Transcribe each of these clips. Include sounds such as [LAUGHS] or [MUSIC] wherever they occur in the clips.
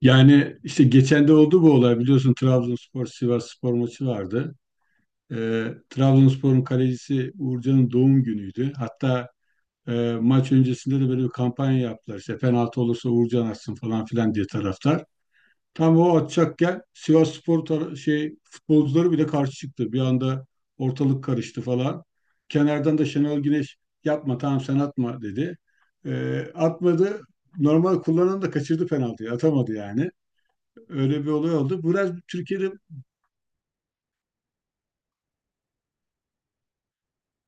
Yani işte geçen de oldu bu olay biliyorsun, Trabzonspor Sivasspor maçı vardı. Trabzonspor'un kalecisi Uğurcan'ın doğum günüydü. Hatta maç öncesinde de böyle bir kampanya yaptılar. İşte penaltı olursa Uğurcan atsın falan filan diye taraftar. Tam o atacakken Sivasspor şey futbolcuları bile karşı çıktı. Bir anda ortalık karıştı falan. Kenardan da Şenol Güneş yapma, tamam, sen atma dedi. Atmadı. Normal kullanan da kaçırdı penaltıyı. Atamadı yani. Öyle bir olay oldu. Biraz Türkiye'de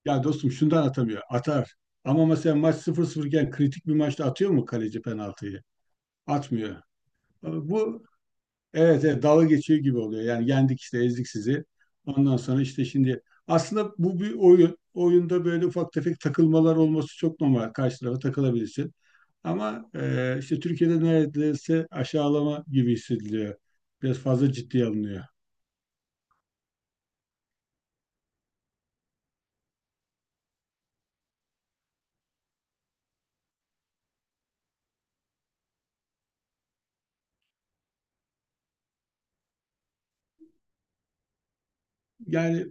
ya dostum şundan atamıyor. Atar. Ama mesela maç sıfır 0 iken kritik bir maçta atıyor mu kaleci penaltıyı? Atmıyor. Bu evet, evet, dalga geçiyor gibi oluyor. Yani yendik işte, ezdik sizi. Ondan sonra işte şimdi aslında bu bir oyun. Oyunda böyle ufak tefek takılmalar olması çok normal. Karşı tarafa takılabilirsin. Ama işte Türkiye'de neredeyse aşağılama gibi hissediliyor. Biraz fazla ciddiye alınıyor. Yani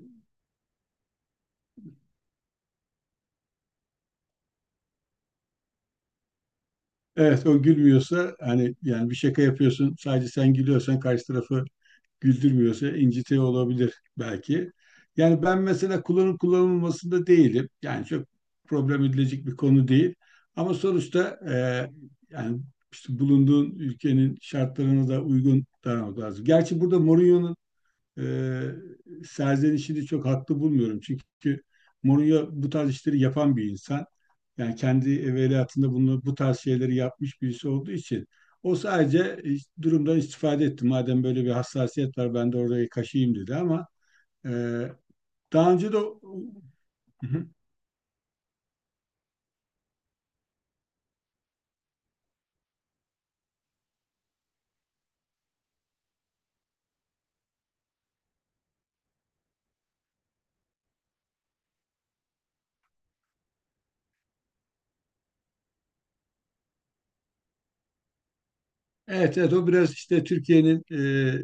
evet, o gülmüyorsa, hani yani bir şaka yapıyorsun, sadece sen gülüyorsan, karşı tarafı güldürmüyorsa incitiyor olabilir belki. Yani ben mesela kullanıp kullanılmasında değilim. Yani çok problem edilecek bir konu değil. Ama sonuçta yani işte bulunduğun ülkenin şartlarına da uygun davranmak lazım. Gerçi burada Mourinho'nun e, serzenişini çok haklı bulmuyorum. Çünkü Mourinho bu tarz işleri yapan bir insan. Yani kendi evveliyatında bunu bu tarz şeyleri yapmış birisi olduğu için o sadece durumdan istifade etti. Madem böyle bir hassasiyet var, ben de orayı kaşıyayım dedi. Ama e, daha önce de hı hı. Evet, evet, o biraz işte Türkiye'nin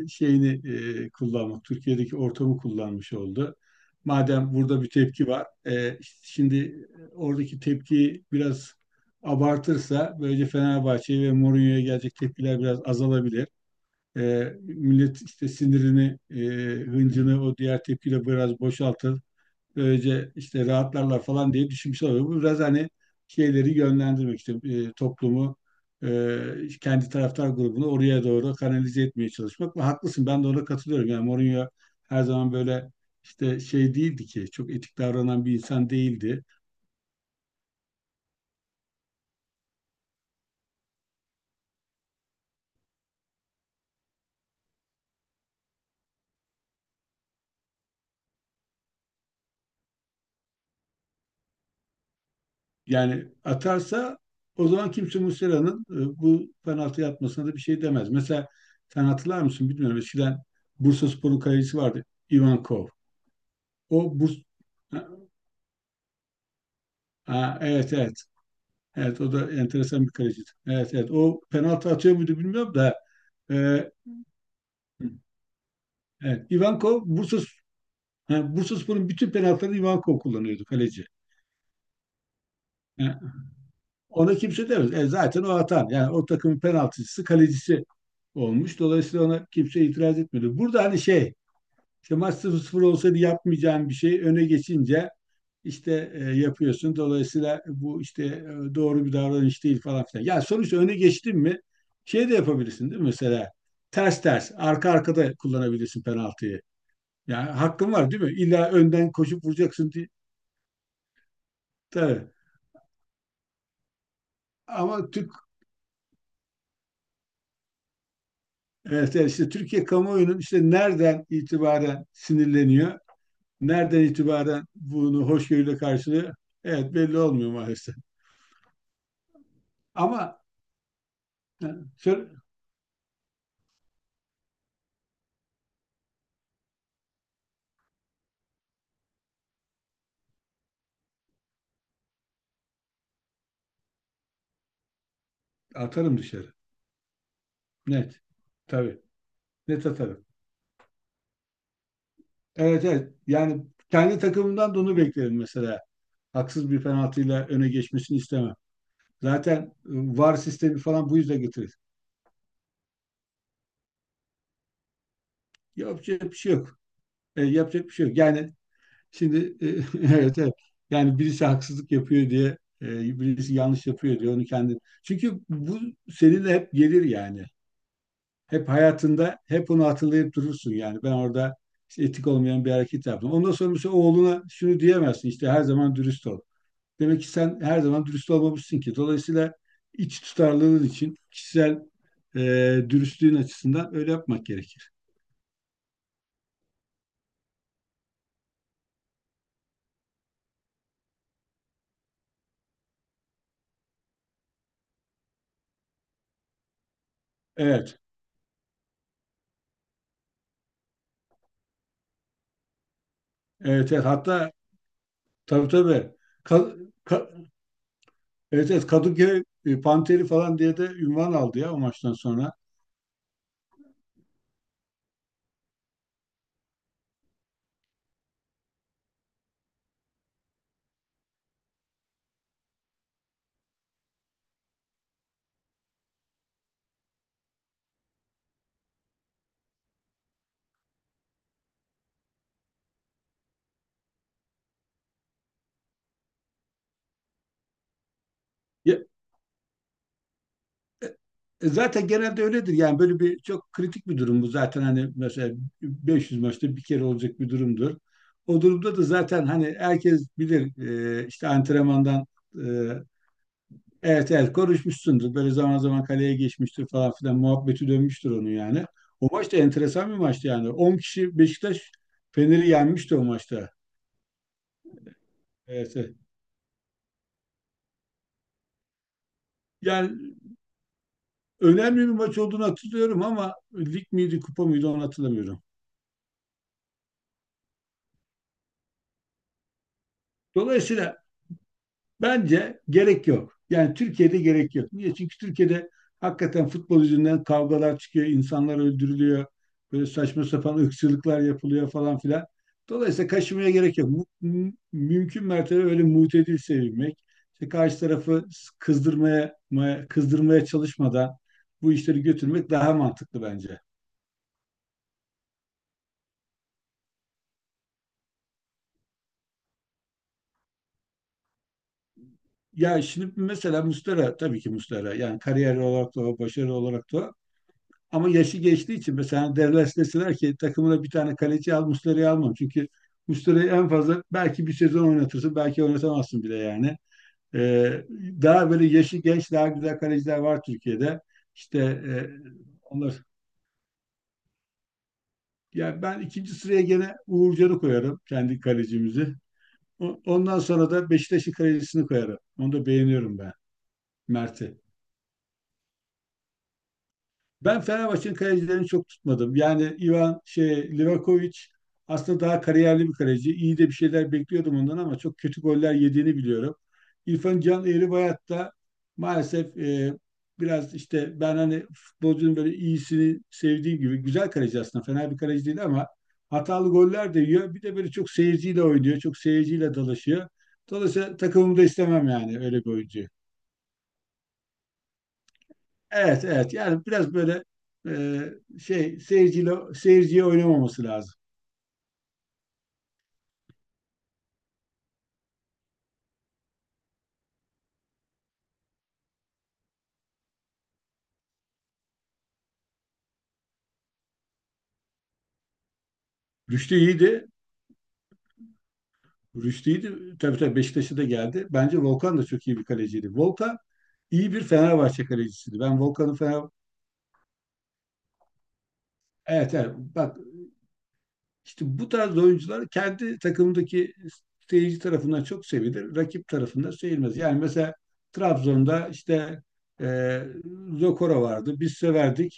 şeyini kullanmak, Türkiye'deki ortamı kullanmış oldu. Madem burada bir tepki var, işte şimdi oradaki tepkiyi biraz abartırsa, böylece Fenerbahçe'ye ve Mourinho'ya gelecek tepkiler biraz azalabilir. Millet işte sinirini, hıncını o diğer tepkiyle biraz boşaltır, böylece işte rahatlarlar falan diye düşünmüşler oluyor. Bu biraz hani şeyleri yönlendirmek işte, toplumu kendi taraftar grubunu oraya doğru kanalize etmeye çalışmak. Ve haklısın, ben de ona katılıyorum. Yani Mourinho her zaman böyle işte şey değildi ki, çok etik davranan bir insan değildi. Yani atarsa o zaman kimse Muslera'nın bu penaltıyı atmasına da bir şey demez. Mesela sen hatırlar mısın bilmiyorum. Eskiden Bursaspor'un kalecisi vardı. Ivankov. O ha, ha, evet, evet. Evet, o da enteresan bir kaleciydi. Evet evet, o penaltı atıyor muydu bilmiyorum da e, evet, Ivankov ha, Bursaspor'un bütün penaltılarını Ivankov kullanıyordu, kaleci. Ha, ona kimse demez. E, zaten o atan, yani o takımın penaltıcısı, kalecisi olmuş. Dolayısıyla ona kimse itiraz etmedi. Burada hani şey, İşte maç 0-0 olsaydı yapmayacağın bir şey öne geçince işte yapıyorsun. Dolayısıyla bu işte doğru bir davranış değil falan filan. Ya sonuçta öne geçtin mi şey de yapabilirsin değil mi mesela? Ters ters arka arkada kullanabilirsin penaltıyı. Yani hakkın var değil mi? İlla önden koşup vuracaksın diye. Tabii. Ama evet, evet, işte Türkiye kamuoyunun işte nereden itibaren sinirleniyor? Nereden itibaren bunu hoşgörüyle karşılıyor? Evet, belli olmuyor maalesef. Ama e, söyle, atarım dışarı. Net. Tabii. Net atarım. Evet evet. Yani kendi takımımdan da onu beklerim mesela. Haksız bir penaltıyla öne geçmesini istemem. Zaten VAR sistemi falan bu yüzden getirir. Yapacak bir şey yok. E, yapacak bir şey yok. Yani şimdi e, [LAUGHS] evet evet. Yani birisi haksızlık yapıyor diye, birisi yanlış yapıyor diye onu kendi. Çünkü bu seninle hep gelir yani. Hep hayatında hep onu hatırlayıp durursun yani. Ben orada işte etik olmayan bir hareket yaptım. Ondan sonra mesela oğluna şunu diyemezsin işte, her zaman dürüst ol. Demek ki sen her zaman dürüst olmamışsın ki. Dolayısıyla iç tutarlılığın için, kişisel e, dürüstlüğün açısından öyle yapmak gerekir. Evet, evet, evet. Hatta tabii tabii. Ka- ka- Evet evet, Kadıköy Panteri falan diye de ünvan aldı ya o maçtan sonra. Ya zaten genelde öyledir. Yani böyle bir çok kritik bir durum bu. Zaten hani mesela 500 maçta bir kere olacak bir durumdur. O durumda da zaten hani herkes bilir, işte antrenmandan e, evet evet konuşmuşsundur. Böyle zaman zaman kaleye geçmiştir falan filan muhabbeti dönmüştür onun yani. O maç da enteresan bir maçtı yani. 10 kişi Beşiktaş Fener'i yenmişti o maçta. Evet. Evet. Yani önemli bir maç olduğunu hatırlıyorum ama lig miydi kupa mıydı onu hatırlamıyorum. Dolayısıyla bence gerek yok. Yani Türkiye'de gerek yok. Niye? Çünkü Türkiye'de hakikaten futbol yüzünden kavgalar çıkıyor, insanlar öldürülüyor, böyle saçma sapan ırkçılıklar yapılıyor falan filan. Dolayısıyla kaşımaya gerek yok. Mümkün mertebe öyle mutedil sevilmek, işte karşı tarafı kızdırmaya çalışmadan bu işleri götürmek daha mantıklı bence. Ya şimdi mesela Mustara, tabii ki Mustara, yani kariyer olarak da o, başarı olarak da o. Ama yaşı geçtiği için mesela Dallas deseler ki takımına bir tane kaleci al, Muslera'yı almam. Çünkü Muslera'yı en fazla belki bir sezon oynatırsın, belki oynatamazsın bile yani. Ee, daha böyle yaşı genç, daha güzel kaleciler var Türkiye'de. İşte onlar, ya ben ikinci sıraya gene Uğurcan'ı koyarım, kendi kalecimizi. Ondan sonra da Beşiktaş'ın kalecisini koyarım. Onu da beğeniyorum ben. Mert'i. Ben Fenerbahçe'nin kalecilerini çok tutmadım. Yani Ivan şey Livakovic aslında daha kariyerli bir kaleci. İyi de bir şeyler bekliyordum ondan ama çok kötü goller yediğini biliyorum. İrfan Can Eğribayat da maalesef biraz işte, ben hani futbolcunun böyle iyisini sevdiğim gibi, güzel kaleci aslında, fena bir kaleci değil ama hatalı goller de yiyor. Bir de böyle çok seyirciyle oynuyor. Çok seyirciyle dalaşıyor. Dolayısıyla takımımda istemem yani öyle bir oyuncu. Evet, evet. Yani biraz böyle şey, seyirciyle, seyirciye oynamaması lazım. Rüştü iyiydi. Rüştü iyiydi. Tabii tabii, Beşiktaş'a da geldi. Bence Volkan da çok iyi bir kaleciydi. Volkan iyi bir Fenerbahçe kalecisiydi. Ben Volkan'ın Fener evet, evet. Bak, İşte bu tarz oyuncular kendi takımdaki seyirci tarafından çok sevilir. Rakip tarafından sevilmez. Yani mesela Trabzon'da işte e, Zokora vardı. Biz severdik.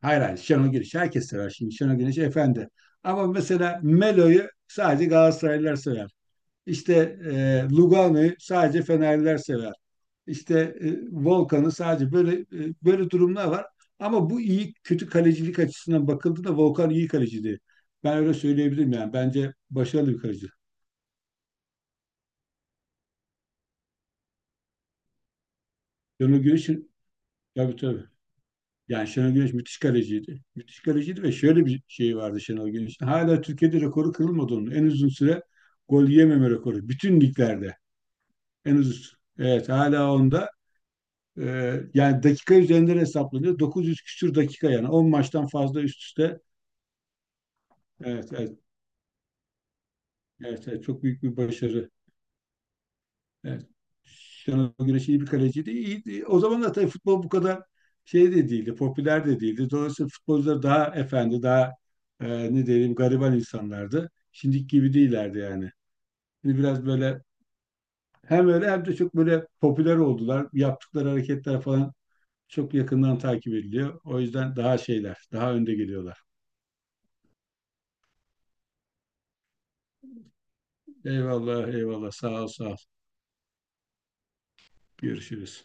Hayır hayır, Şenol Güneş. Herkes sever şimdi Şenol Güneş efendi. Ama mesela Melo'yu sadece Galatasaraylılar sever. İşte Lugano'yu sadece Fenerliler sever. İşte Volkan'ı sadece böyle böyle durumlar var. Ama bu iyi kötü kalecilik açısından bakıldığında Volkan iyi kaleciydi. Ben öyle söyleyebilirim yani. Bence başarılı bir kaleci. Şenol Güneş'in tabii tabii. Yani Şenol Güneş müthiş kaleciydi. Müthiş kaleciydi ve şöyle bir şey vardı Şenol Güneş'in. Hala Türkiye'de rekoru kırılmadı onun. En uzun süre gol yememe rekoru. Bütün liglerde. En uzun. Evet, hala onda. Yani dakika üzerinden hesaplanıyor. 900 küsür dakika yani. 10 maçtan fazla üst üste. Evet, evet. Evet, evet, çok büyük bir başarı. Evet. Şenol Güneş iyi bir kaleciydi. İyiydi. O zamanlar tabii futbol bu kadar şey de değildi, popüler de değildi. Dolayısıyla futbolcular daha efendi, daha ne diyelim, gariban insanlardı. Şimdiki gibi değillerdi yani. Şimdi biraz böyle hem öyle, hem de çok böyle popüler oldular. Yaptıkları hareketler falan çok yakından takip ediliyor. O yüzden daha şeyler, daha önde geliyorlar. Eyvallah, eyvallah. Sağ ol, sağ ol. Görüşürüz.